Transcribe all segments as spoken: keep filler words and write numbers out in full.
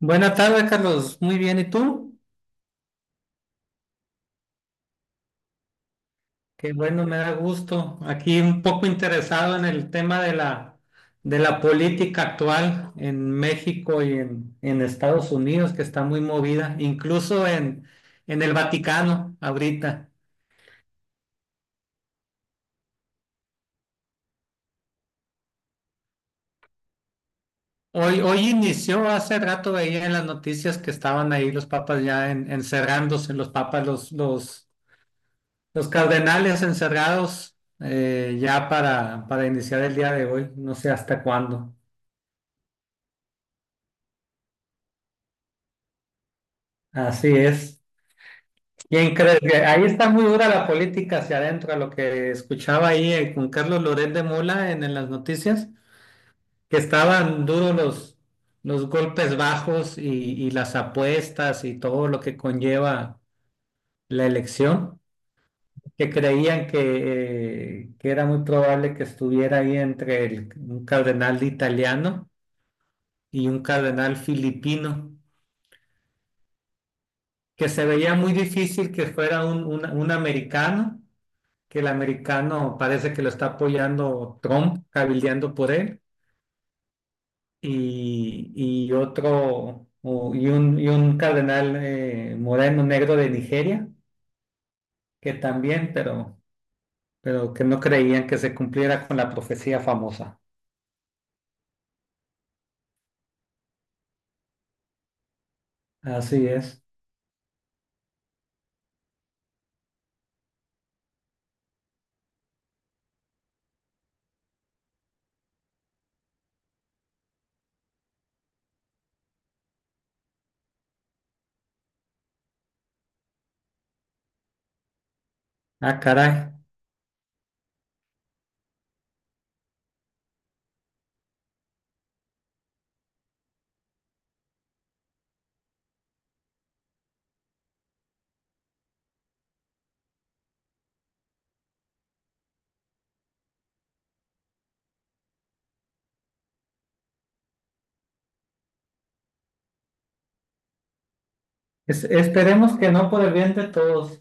Buenas tardes, Carlos. Muy bien, ¿y tú? Qué bueno, me da gusto. Aquí un poco interesado en el tema de la, de la política actual en México y en, en Estados Unidos, que está muy movida, incluso en, en el Vaticano ahorita. Hoy, hoy inició, hace rato veía en las noticias que estaban ahí los papas ya en- encerrándose, los papas, los, los, los cardenales encerrados, eh, ya para, para iniciar el día de hoy, no sé hasta cuándo. Así es. ¿Quién crees que ahí está muy dura la política hacia adentro? A lo que escuchaba ahí, eh, con Carlos Loret de Mola en, en las noticias, que estaban duros los, los golpes bajos y, y las apuestas y todo lo que conlleva la elección, que creían que, eh, que era muy probable que estuviera ahí entre el- un cardenal italiano y un cardenal filipino, que se veía muy difícil que fuera un un- un americano, que el americano parece que lo está apoyando Trump, cabildeando por él, y, y otro, o- y un, y un cardenal, eh, moreno negro de Nigeria, que también, pero, pero, que no creían que se cumpliera con la profecía famosa. Así es. Ah, caray. Es- esperemos que no, por el bien de todos.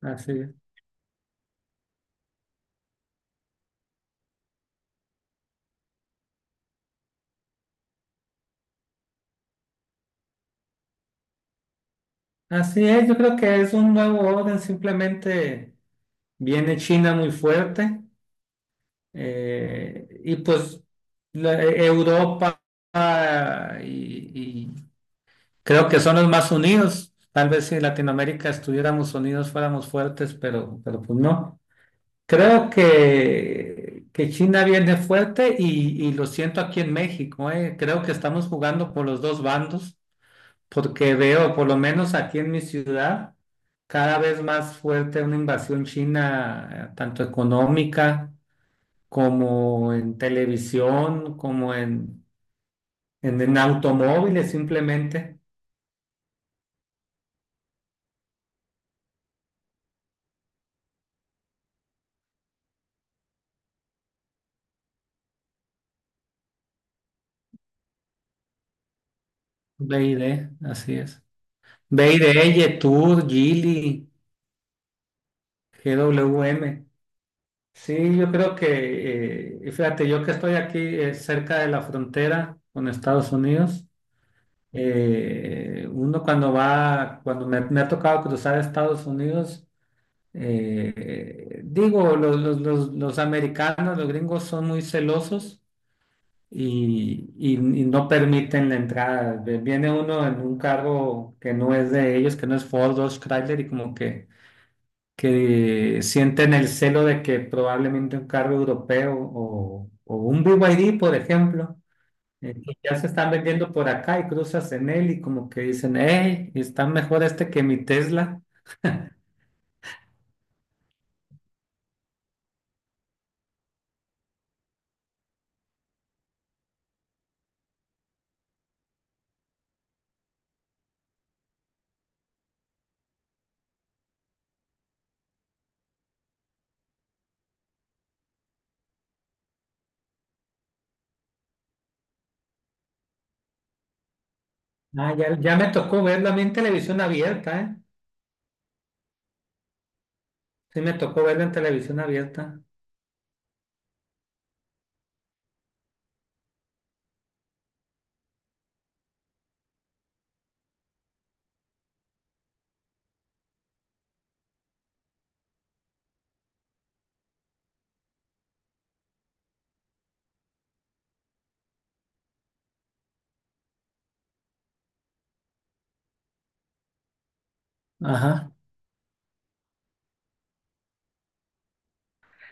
Así es. Así es, yo creo que es un nuevo orden, simplemente viene China muy fuerte. Eh, y pues la- eh, Europa, ah, y, y creo que son los más unidos. Tal vez si Latinoamérica estuviéramos unidos fuéramos fuertes, pero, pero pues no. Creo que, que China viene fuerte y, y lo siento aquí en México, eh. Creo que estamos jugando por los dos bandos, porque veo, por lo menos aquí en mi ciudad, cada vez más fuerte una invasión china, eh, tanto económica como en televisión, como en, en, en automóviles simplemente. B y D, así es. B I D, Yetur, Geely, G W M. Sí, yo creo que, eh, y fíjate, yo que estoy aquí eh, cerca de la frontera con Estados Unidos, eh, uno cuando va, cuando me, me ha tocado cruzar a Estados Unidos, eh, digo, los, los, los, los americanos, los gringos son muy celosos y, y- y no permiten la entrada. Ve- Viene uno en un cargo que no es de ellos, que no es Ford, Dodge, Chrysler, y como que, que sienten el celo de que probablemente un cargo europeo o, o un B Y D, por ejemplo, eh, que ya se están vendiendo por acá y cruzas en él y como que dicen, hey, está mejor este que mi Tesla. Ah, ya, ya me tocó verlo a mí en televisión abierta, ¿eh? Sí, me tocó verlo en televisión abierta. Ajá.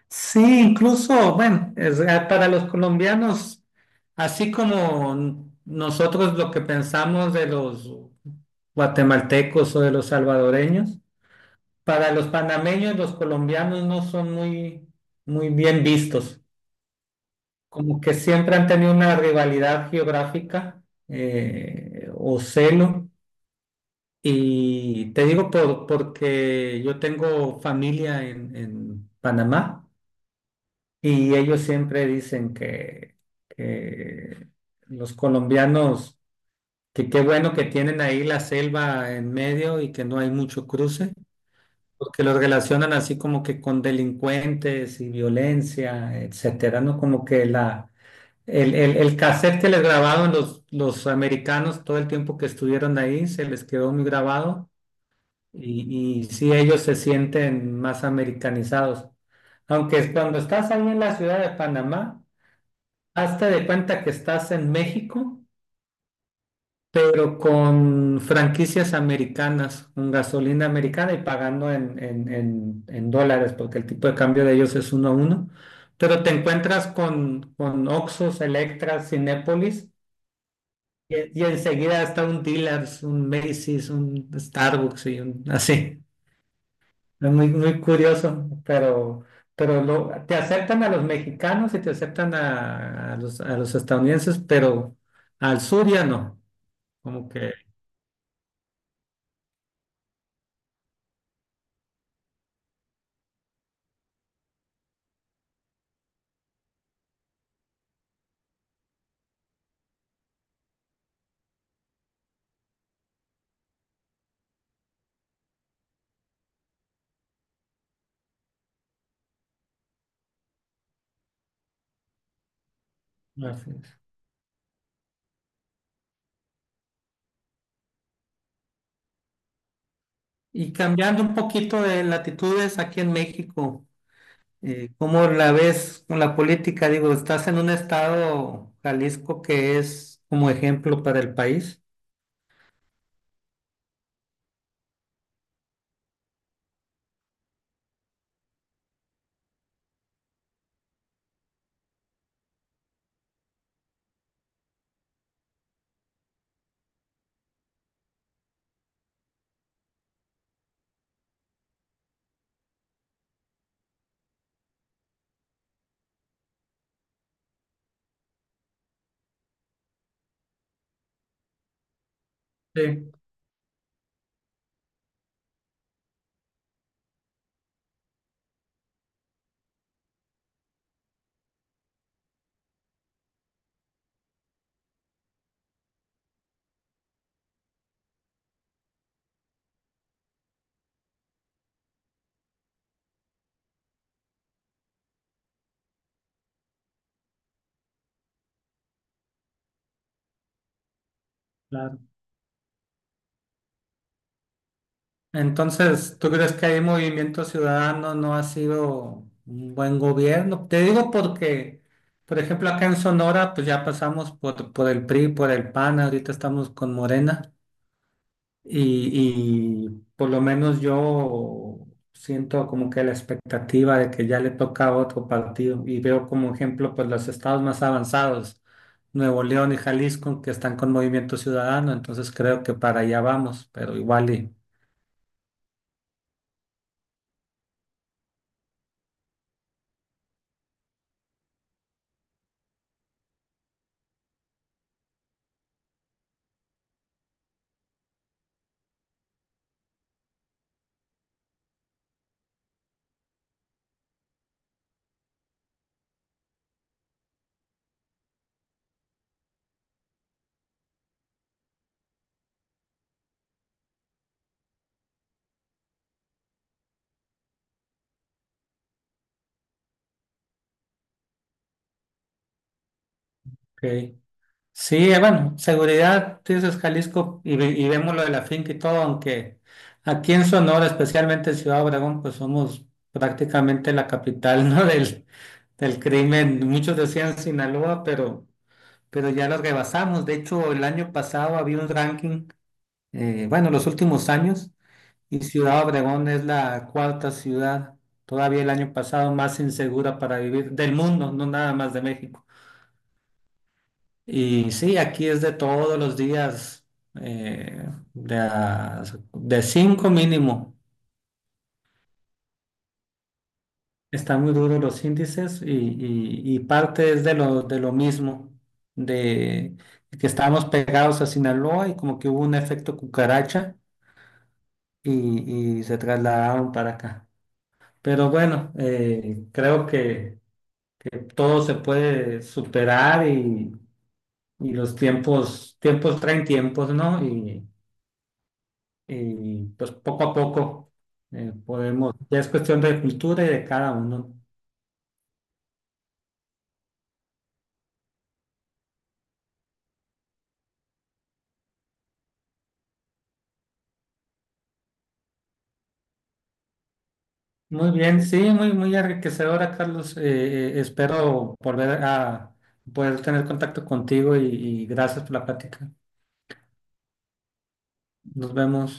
Sí, incluso, bueno, es- eh, para los colombianos, así como nosotros lo que pensamos de los guatemaltecos o de los salvadoreños, para los panameños los colombianos no son muy, muy bien vistos, como que siempre han tenido una rivalidad geográfica, eh, o celo. Y te digo por, porque yo tengo familia en en Panamá. Y ellos siempre dicen que, que los colombianos, que qué bueno que tienen ahí la selva en medio y que no hay mucho cruce, porque los relacionan así como que con delincuentes y violencia, etcétera, ¿no? Como que la, el, el, el cassette que les grabaron los, los americanos todo el tiempo que estuvieron ahí se les quedó muy grabado, y, y sí, ellos se sienten más americanizados. Aunque cuando estás ahí en la ciudad de Panamá, Hazte de cuenta que estás en México, pero con franquicias americanas, con gasolina americana y pagando en, en- en- en dólares, porque el tipo de cambio de ellos es uno a uno. Pero te encuentras con, con Oxxos, Electras, Cinépolis, y, y enseguida está un dealers, un Macy's, un Starbucks y un así. Es muy, muy curioso, pero, pero lo, te aceptan a los mexicanos y te aceptan a, a los, a los estadounidenses, pero al sur ya no. Como que. Así es. Y cambiando un poquito de latitudes aquí en México, eh, ¿cómo la ves con la política? Digo, estás en un estado, Jalisco, que es como ejemplo para el país. Sí, claro. Entonces, ¿tú crees que hay Movimiento Ciudadano no ha sido un buen gobierno? Te digo porque, por ejemplo, acá en Sonora, pues ya pasamos por, por el P R I, por el PAN, ahorita estamos con Morena y, y por lo menos yo siento como que la expectativa de que ya le toca a otro partido, y veo como ejemplo pues los estados más avanzados, Nuevo León y Jalisco, que están con Movimiento Ciudadano, entonces creo que para allá vamos, pero igual y... Ok. Sí, eh, bueno, seguridad, tú dices Jalisco y, ve- y vemos lo de la finca y todo, aunque aquí en Sonora, especialmente en Ciudad Obregón, pues somos prácticamente la capital, ¿no? Del, del crimen. Muchos decían Sinaloa, pero, pero, ya los rebasamos. De hecho, el año pasado había un ranking, eh, bueno, los últimos años, y Ciudad Obregón es la cuarta ciudad, todavía el año pasado, más insegura para vivir del mundo, no nada más de México. Y sí, aquí es de todos los días, eh, de, a- de cinco mínimo. Están muy duros los índices y, y- y parte es de lo, de lo mismo, de que estábamos pegados a Sinaloa y como que hubo un efecto cucaracha, y, y se trasladaron para acá. Pero bueno, eh, creo que, que todo se puede superar, y, y los tiempos, tiempos traen tiempos, ¿no? Y, Y pues poco a poco eh, podemos, ya es cuestión de cultura y de cada uno. Muy bien, sí, muy, muy enriquecedora, Carlos. Eh, eh, espero volver a poder tener contacto contigo, y y gracias por la plática. Nos vemos.